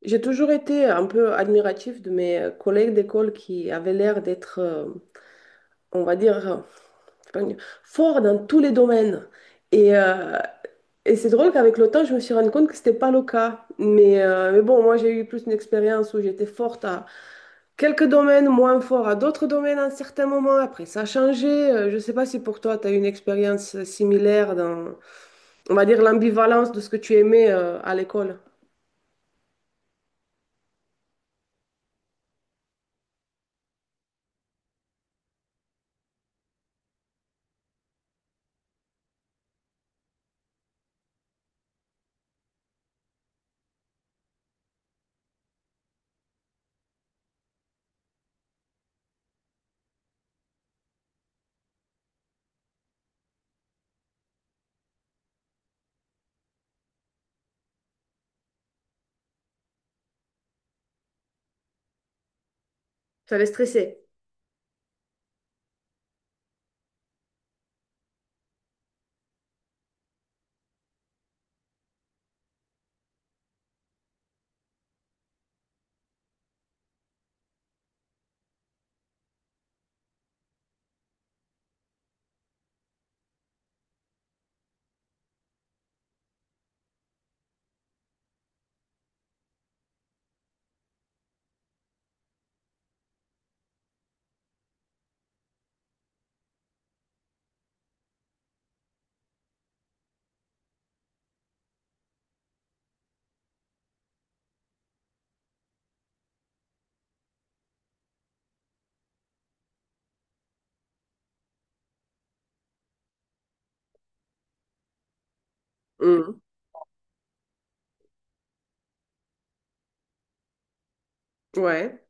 J'ai toujours été un peu admiratif de mes collègues d'école qui avaient l'air d'être, on va dire, c'est pas une- forts dans tous les domaines. Et, euh, et c'est drôle qu'avec le temps, je me suis rendu compte que c'était pas le cas. Mais bon, moi, j'ai eu plus une expérience où j'étais forte à quelques domaines, moins fort à d'autres domaines à un certain moment. Après, ça a changé. Je ne sais pas si pour toi, tu as eu une expérience similaire dans, on va dire, l'ambivalence de ce que tu aimais, à l'école. Ça allait stresser. Mhm. Ouais.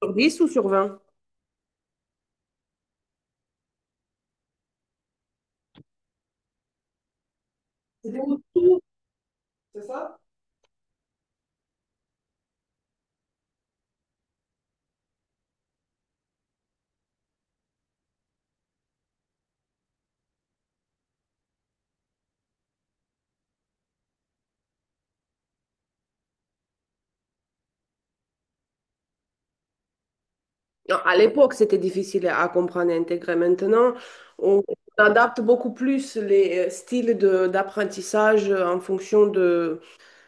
Sur 10 ou sur 20. À l'époque, c'était difficile à comprendre et intégrer. Maintenant, on adapte beaucoup plus les styles d'apprentissage en fonction de,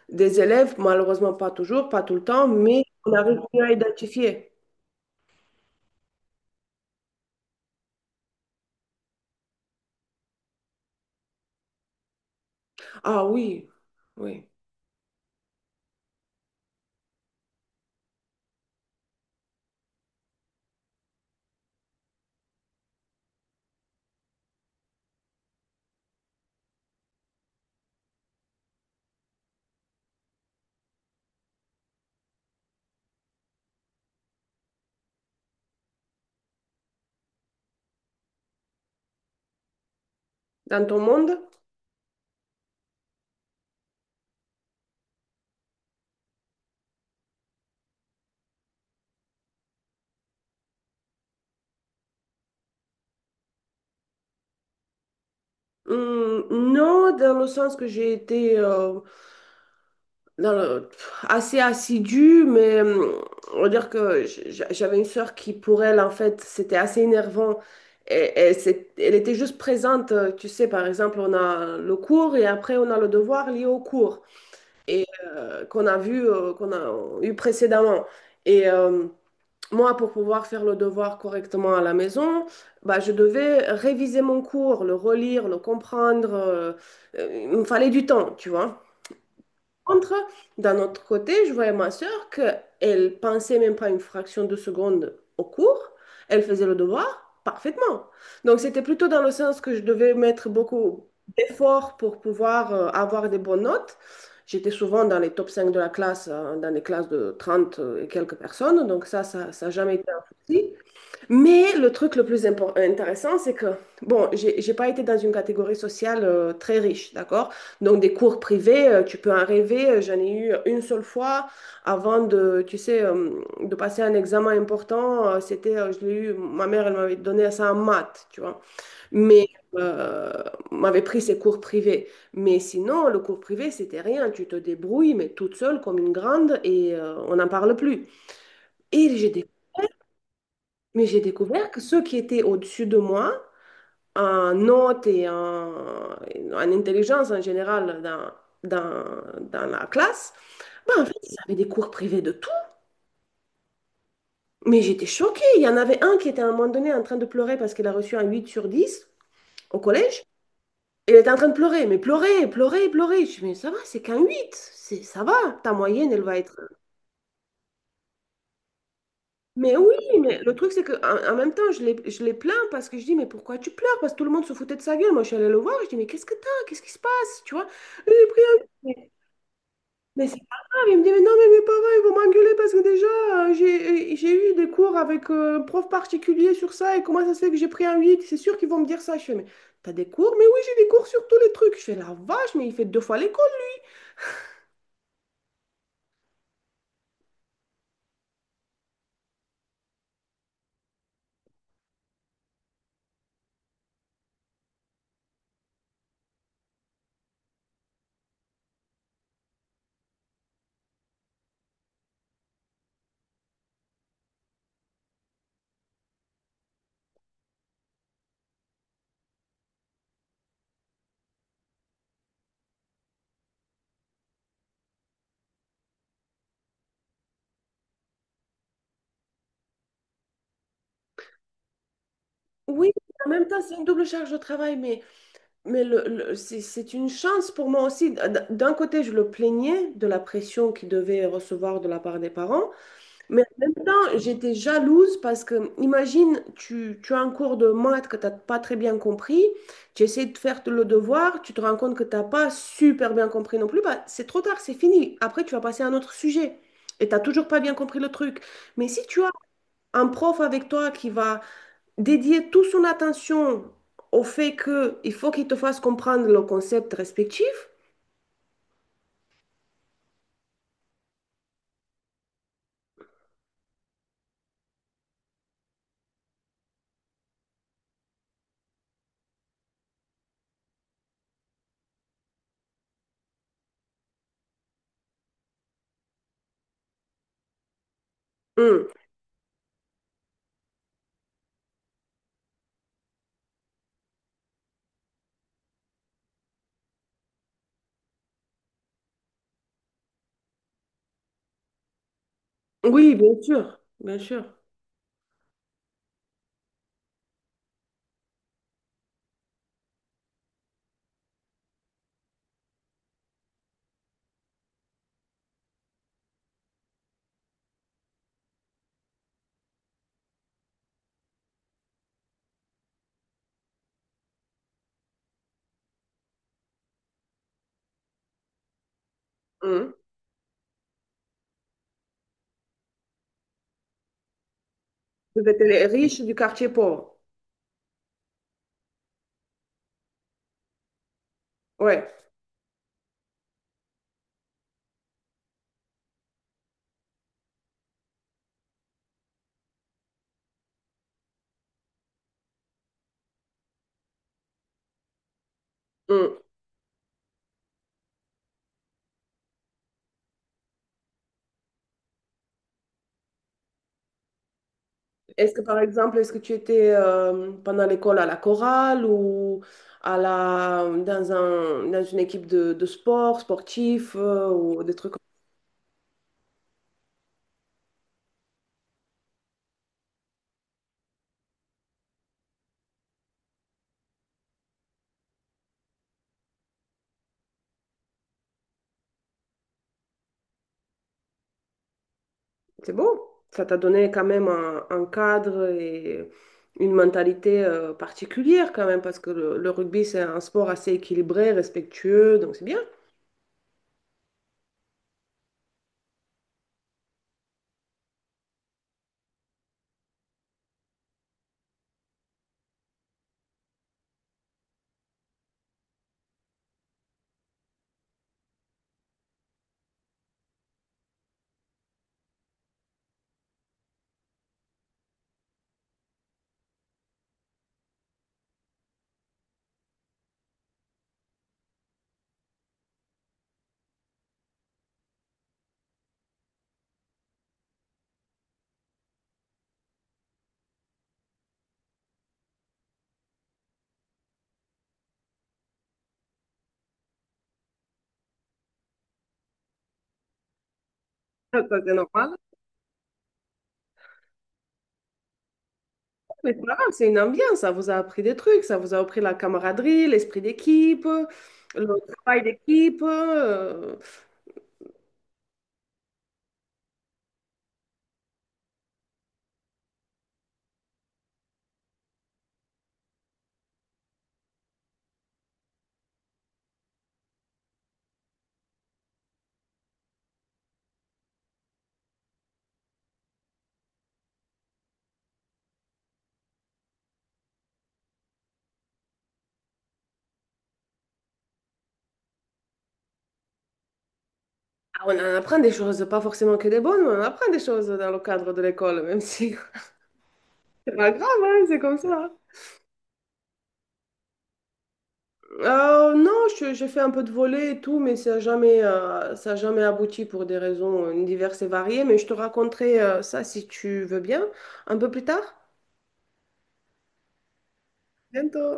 des élèves. Malheureusement, pas toujours, pas tout le temps, mais on arrive mieux à identifier. Ah oui, oui. Dans ton monde? Non, dans le sens que j'ai été, dans le- assez assidue, mais on va dire que j'avais une sœur qui, pour elle, en fait, c'était assez énervant. Et, elle était juste présente, tu sais, par exemple, on a le cours et après on a le devoir lié au cours et qu'on a vu, qu'on a eu précédemment. Et euh, Moi, pour pouvoir faire le devoir correctement à la maison, bah, je devais réviser mon cours, le relire, le comprendre. Il me fallait du temps, tu vois. Contre, d'un autre côté, je voyais ma sœur qu'elle pensait même pas une fraction de seconde au cours, elle faisait le devoir parfaitement. Donc c'était plutôt dans le sens que je devais mettre beaucoup d'efforts pour pouvoir avoir des bonnes notes. J'étais souvent dans les top 5 de la classe, dans des classes de 30 et quelques personnes, donc ça n'a jamais été un souci. Mais le truc le plus intéressant, c'est que, bon, j'ai pas été dans une catégorie sociale très riche, d'accord? Donc, des cours privés, tu peux en rêver. J'en ai eu une seule fois avant de de passer un examen important. Je l'ai eu, ma mère, elle m'avait donné ça en maths, tu vois. Mais, euh, M'avait pris ses cours privés. Mais sinon, le cours privé, c'était rien. Tu te débrouilles, mais toute seule, comme une grande, et on n'en parle plus. Et j'ai mais j'ai découvert que ceux qui étaient au-dessus de moi, en notes et en, en intelligence en général dans la classe, ben en fait, ils avaient des cours privés de tout. Mais j'étais choquée. Il y en avait un qui était à un moment donné en train de pleurer parce qu'il a reçu un 8 sur 10 au collège. Il était en train de pleurer, mais pleurer, pleurer, pleurer. Je me dis, mais ça va, c'est qu'un 8 c'est, ça va. Ta moyenne, elle va être mais oui, mais le truc, c'est que en même temps, je les plains parce que je dis, mais pourquoi tu pleures? Parce que tout le monde se foutait de sa gueule. Moi, je suis allée le voir, je dis, mais qu'est-ce que t'as? Qu'est-ce qui se passe? Tu vois? Lui, il a pris un- mais c'est pas grave. Il me dit, mais non, mais mes parents, ils vont m'engueuler parce que déjà, j'ai eu des cours avec un prof particulier sur ça et comment ça se fait que j'ai pris un 8? C'est sûr qu'ils vont me dire ça. Je fais, mais t'as des cours? Mais oui, j'ai des cours sur tous les trucs. Je fais, la vache, mais il fait deux fois l'école. Oui, en même temps, c'est une double charge de travail, mais c'est une chance pour moi aussi. D'un côté, je le plaignais de la pression qu'il devait recevoir de la part des parents, mais en même temps, j'étais jalouse parce que, imagine, tu as un cours de maths que tu n'as pas très bien compris, tu essaies de faire le devoir, tu te rends compte que tu n'as pas super bien compris non plus, bah, c'est trop tard, c'est fini. Après, tu vas passer à un autre sujet et tu n'as toujours pas bien compris le truc. Mais si tu as un prof avec toi qui va dédier toute son attention au fait que il faut qu'il te fasse comprendre le concept respectif. Hmm. Oui, bien sûr, bien sûr. Hmm. Vous êtes les riches du quartier pauvre. Ouais. Hmm. Est-ce que par exemple, est-ce que tu étais pendant l'école à la chorale ou à la dans un dans une équipe de sport sportif ou des trucs c'est beau. Ça t'a donné quand même un cadre et une mentalité particulière quand même, parce que le rugby, c'est un sport assez équilibré, respectueux, donc c'est bien. Ça, c'est normal, mais c'est pas grave, c'est une ambiance, ça vous a appris des trucs, ça vous a appris la camaraderie, l'esprit d'équipe, le travail d'équipe. Ah, on en apprend des choses, pas forcément que des bonnes, mais on apprend des choses dans le cadre de l'école, même si c'est pas grave, hein, c'est comme ça. Hein. Non, j'ai fait un peu de volley et tout, mais ça n'a jamais, ça a jamais abouti pour des raisons diverses et variées. Mais je te raconterai ça si tu veux bien un peu plus tard. Bientôt.